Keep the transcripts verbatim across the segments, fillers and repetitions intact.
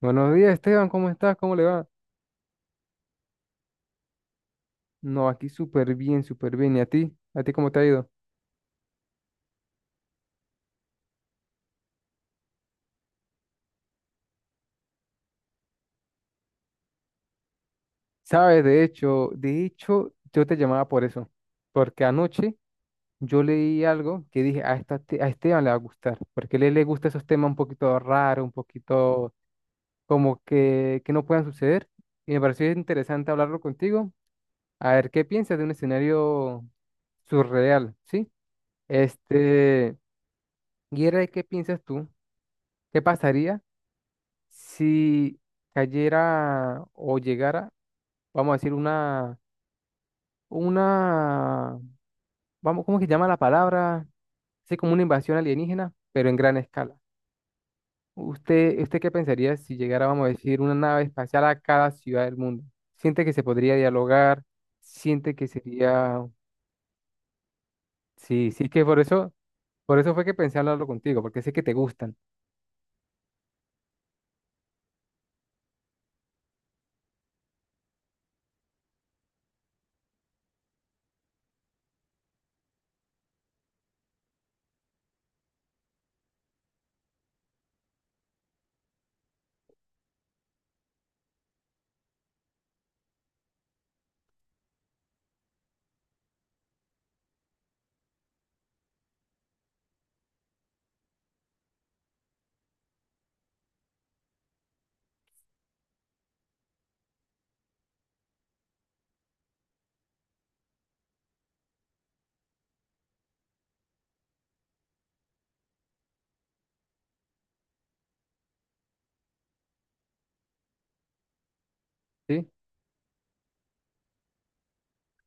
Buenos días, Esteban, ¿cómo estás? ¿Cómo le va? No, aquí súper bien, súper bien. ¿Y a ti? ¿A ti cómo te ha ido? Sabes, de hecho, de hecho, yo te llamaba por eso, porque anoche yo leí algo que dije, a, esta, te- a Esteban le va a gustar, porque a él le gusta esos temas un poquito raros, un poquito como que, que no puedan suceder, y me pareció interesante hablarlo contigo, a ver qué piensas de un escenario surreal, ¿sí? Este, y era de qué piensas tú, qué pasaría si cayera o llegara, vamos a decir, una, una, vamos, ¿cómo que llama la palabra? Sí, como una invasión alienígena, pero en gran escala. ¿Usted, usted qué pensaría si llegara, vamos a decir, una nave espacial a cada ciudad del mundo? ¿Siente que se podría dialogar? ¿Siente que sería... Sí, sí, que por eso, por eso fue que pensé hablarlo contigo, porque sé que te gustan, ¿sí?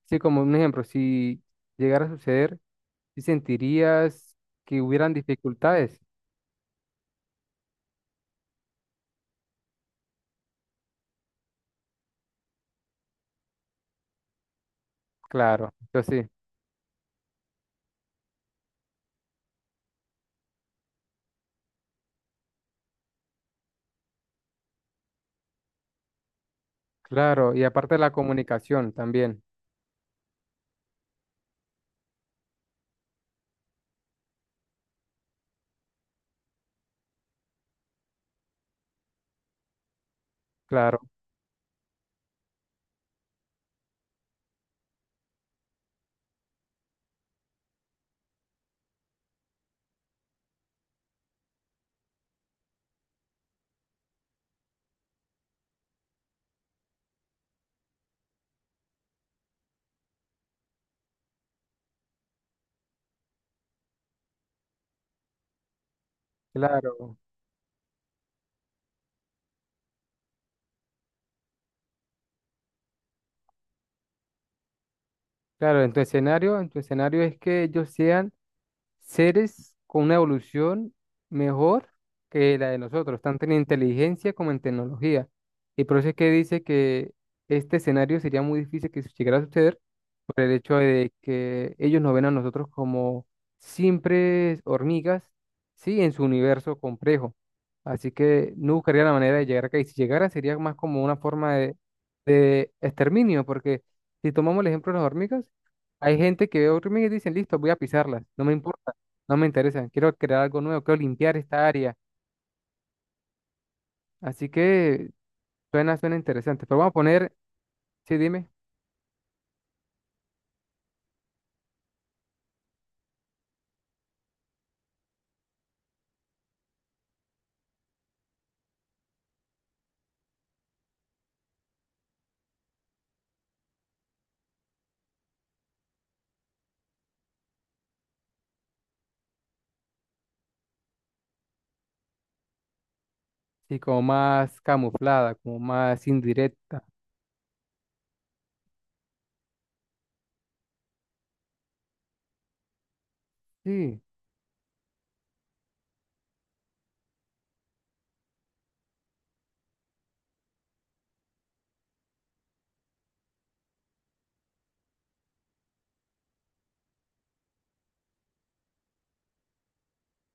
Sí, como un ejemplo, si llegara a suceder, ¿sí sentirías que hubieran dificultades? Claro, eso sí, claro, y aparte la comunicación también, claro, claro, claro, en tu escenario, en tu escenario es que ellos sean seres con una evolución mejor que la de nosotros, tanto en inteligencia como en tecnología. Y por eso es que dice que este escenario sería muy difícil que llegara a suceder por el hecho de que ellos nos ven a nosotros como simples hormigas, sí, en su universo complejo. Así que no buscaría la manera de llegar acá. Y si llegara sería más como una forma de, de exterminio, porque si tomamos el ejemplo de las hormigas, hay gente que ve hormigas y dicen, listo, voy a pisarlas, no me importa. No me interesa, quiero crear algo nuevo, quiero limpiar esta área. Así que suena, suena interesante. Pero vamos a poner, sí, dime, sí, como más camuflada, como más indirecta. Sí,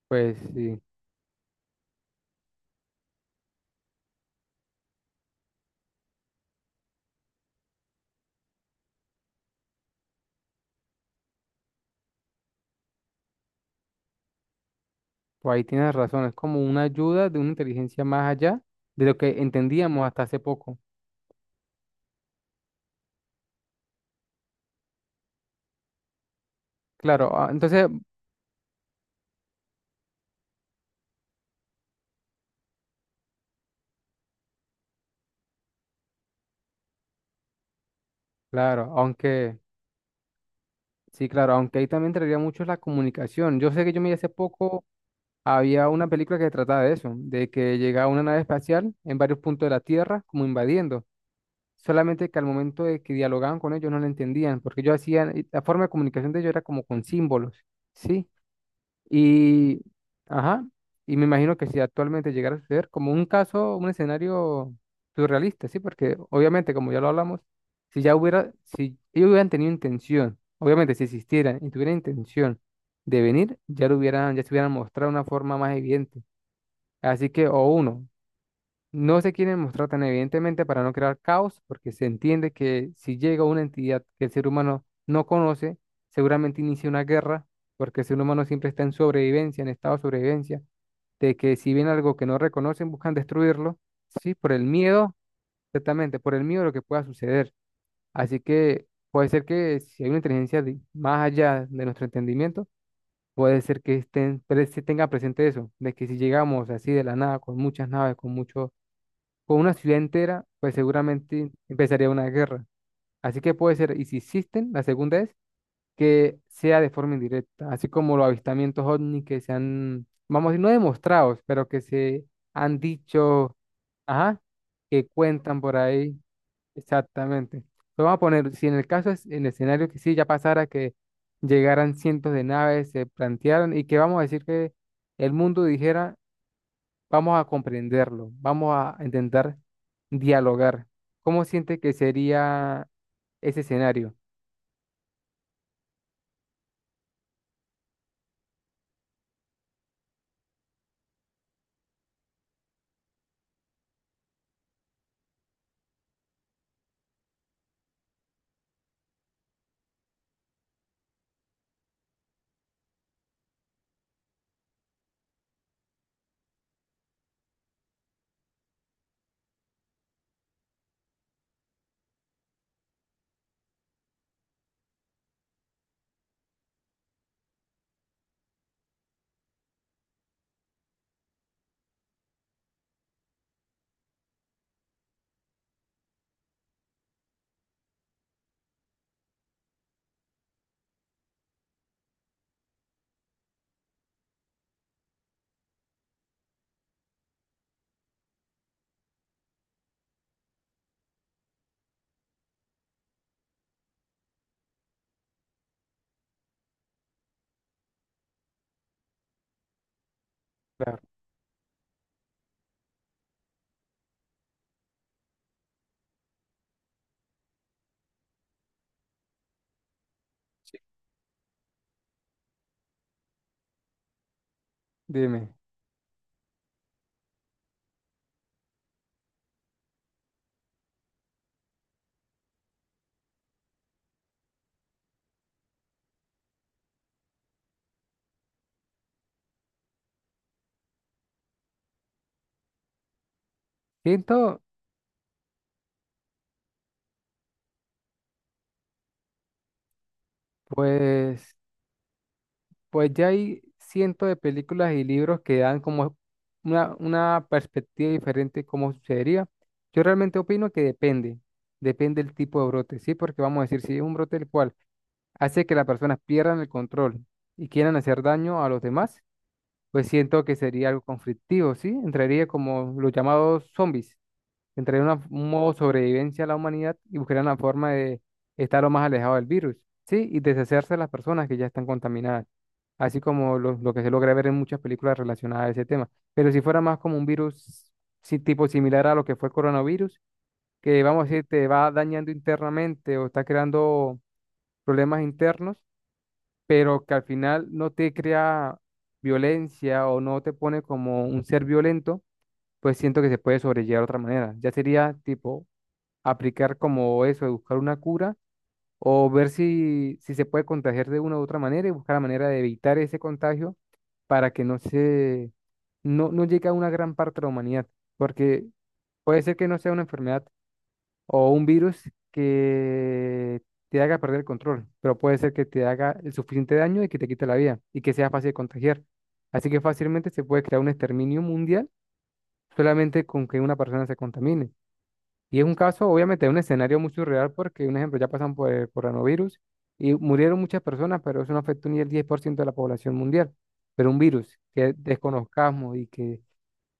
pues sí, pues ahí tienes razón, es como una ayuda de una inteligencia más allá de lo que entendíamos hasta hace poco. Claro, ah, entonces, claro, aunque, sí, claro, aunque ahí también traería mucho la comunicación. Yo sé que yo me hace poco, había una película que trataba de eso, de que llegaba una nave espacial en varios puntos de la Tierra, como invadiendo. Solamente que al momento de que dialogaban con ellos no lo entendían, porque ellos hacían, y la forma de comunicación de ellos era como con símbolos, ¿sí? Y, ajá, y me imagino que si actualmente llegara a suceder como un caso, un escenario surrealista, ¿sí? Porque obviamente, como ya lo hablamos, si ya hubiera, si ellos hubieran tenido intención, obviamente si existieran y tuvieran intención de venir, ya lo hubieran, ya se hubieran mostrado de una forma más evidente. Así que, o uno, no se quieren mostrar tan evidentemente para no crear caos, porque se entiende que si llega una entidad que el ser humano no conoce, seguramente inicia una guerra, porque el ser humano siempre está en sobrevivencia, en estado de sobrevivencia, de que si viene algo que no reconocen, buscan destruirlo, sí, por el miedo, exactamente, por el miedo a lo que pueda suceder. Así que puede ser que si hay una inteligencia di- más allá de nuestro entendimiento, puede ser que estén, pre- se tenga presente eso, de que si llegamos así de la nada, con muchas naves, con muchos con una ciudad entera, pues seguramente empezaría una guerra. Así que puede ser, y si existen, la segunda es que sea de forma indirecta, así como los avistamientos ovni que se han, vamos a decir, no demostrados, pero que se han dicho, ajá, que cuentan por ahí, exactamente. Lo vamos a poner, si en el caso es, en el escenario que sí ya pasara, que llegaran cientos de naves, se plantearan, y que vamos a decir que el mundo dijera, vamos a comprenderlo, vamos a intentar dialogar. ¿Cómo siente que sería ese escenario? Claro, sí. Dime. Siento, pues, pues ya hay cientos de películas y libros que dan como una, una perspectiva diferente de cómo sucedería. Yo realmente opino que depende, depende del tipo de brote, ¿sí? Porque vamos a decir, si es un brote el cual hace que las personas pierdan el control y quieran hacer daño a los demás, pues siento que sería algo conflictivo, ¿sí? Entraría como los llamados zombies, entraría una- un modo sobrevivencia a la humanidad y buscarían la forma de estar lo más alejado del virus, ¿sí? Y deshacerse de las personas que ya están contaminadas, así como lo, lo que se logra ver en muchas películas relacionadas a ese tema. Pero si fuera más como un virus, sí, tipo similar a lo que fue el coronavirus, que vamos a decir, te va dañando internamente o está creando problemas internos pero que al final no te crea violencia o no te pone como un ser violento, pues siento que se puede sobrellevar de otra manera. Ya sería tipo aplicar como eso de buscar una cura o ver si, si se puede contagiar de una u otra manera y buscar la manera de evitar ese contagio para que no se, no, no llegue a una gran parte de la humanidad, porque puede ser que no sea una enfermedad o un virus que te haga perder el control, pero puede ser que te haga el suficiente daño y que te quite la vida y que sea fácil de contagiar. Así que fácilmente se puede crear un exterminio mundial solamente con que una persona se contamine. Y es un caso, obviamente, un escenario muy surreal porque, un ejemplo, ya pasan por el coronavirus y murieron muchas personas, pero eso no afectó ni el diez por ciento de la población mundial. Pero un virus que desconozcamos y que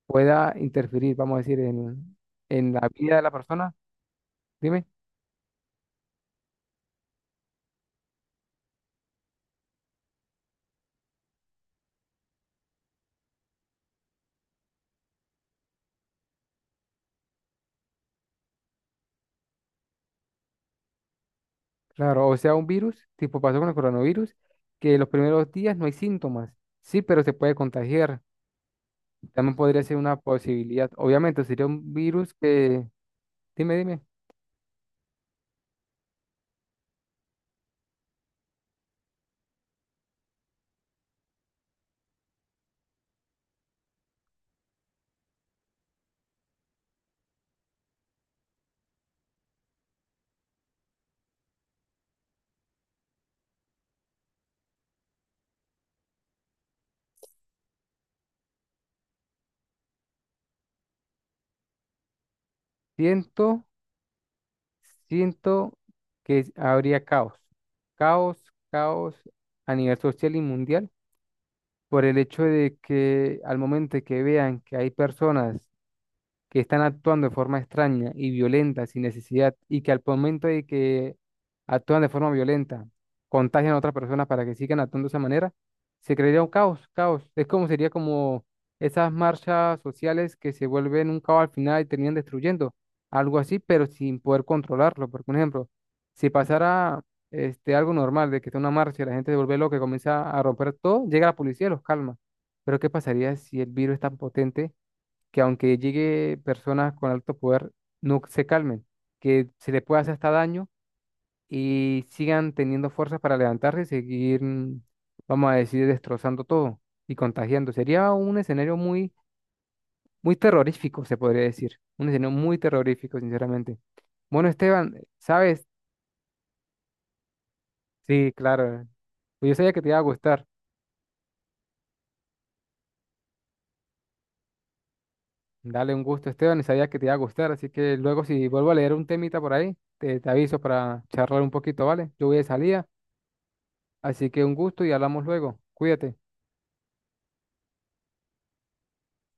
pueda interferir, vamos a decir, en, en la vida de la persona, dime. Claro, o sea, un virus, tipo pasó con el coronavirus, que los primeros días no hay síntomas. Sí, pero se puede contagiar. También podría ser una posibilidad. Obviamente, sería un virus que, dime, dime, siento, siento que habría caos. Caos, caos a nivel social y mundial por el hecho de que al momento de que vean que hay personas que están actuando de forma extraña y violenta sin necesidad y que al momento de que actúan de forma violenta, contagian a otras personas para que sigan actuando de esa manera, se crearía un caos, caos. Es como sería como esas marchas sociales que se vuelven un caos al final y terminan destruyendo, algo así, pero sin poder controlarlo. Porque, por ejemplo, si pasara este, algo normal de que está una marcha y la gente se vuelve loca y comienza a romper todo, llega la policía y los calma. Pero ¿qué pasaría si el virus es tan potente que aunque llegue personas con alto poder, no se calmen, que se les pueda hacer hasta daño y sigan teniendo fuerzas para levantarse y seguir, mm, vamos a decir, destrozando todo y contagiando? Sería un escenario muy, muy terrorífico, se podría decir. Un escenario muy terrorífico, sinceramente. Bueno, Esteban, ¿sabes? Sí, claro. Pues yo sabía que te iba a gustar. Dale un gusto, Esteban, y sabía que te iba a gustar. Así que luego, si vuelvo a leer un temita por ahí, te, te aviso para charlar un poquito, ¿vale? Yo voy de salida. Así que un gusto y hablamos luego. Cuídate.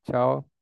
Chao.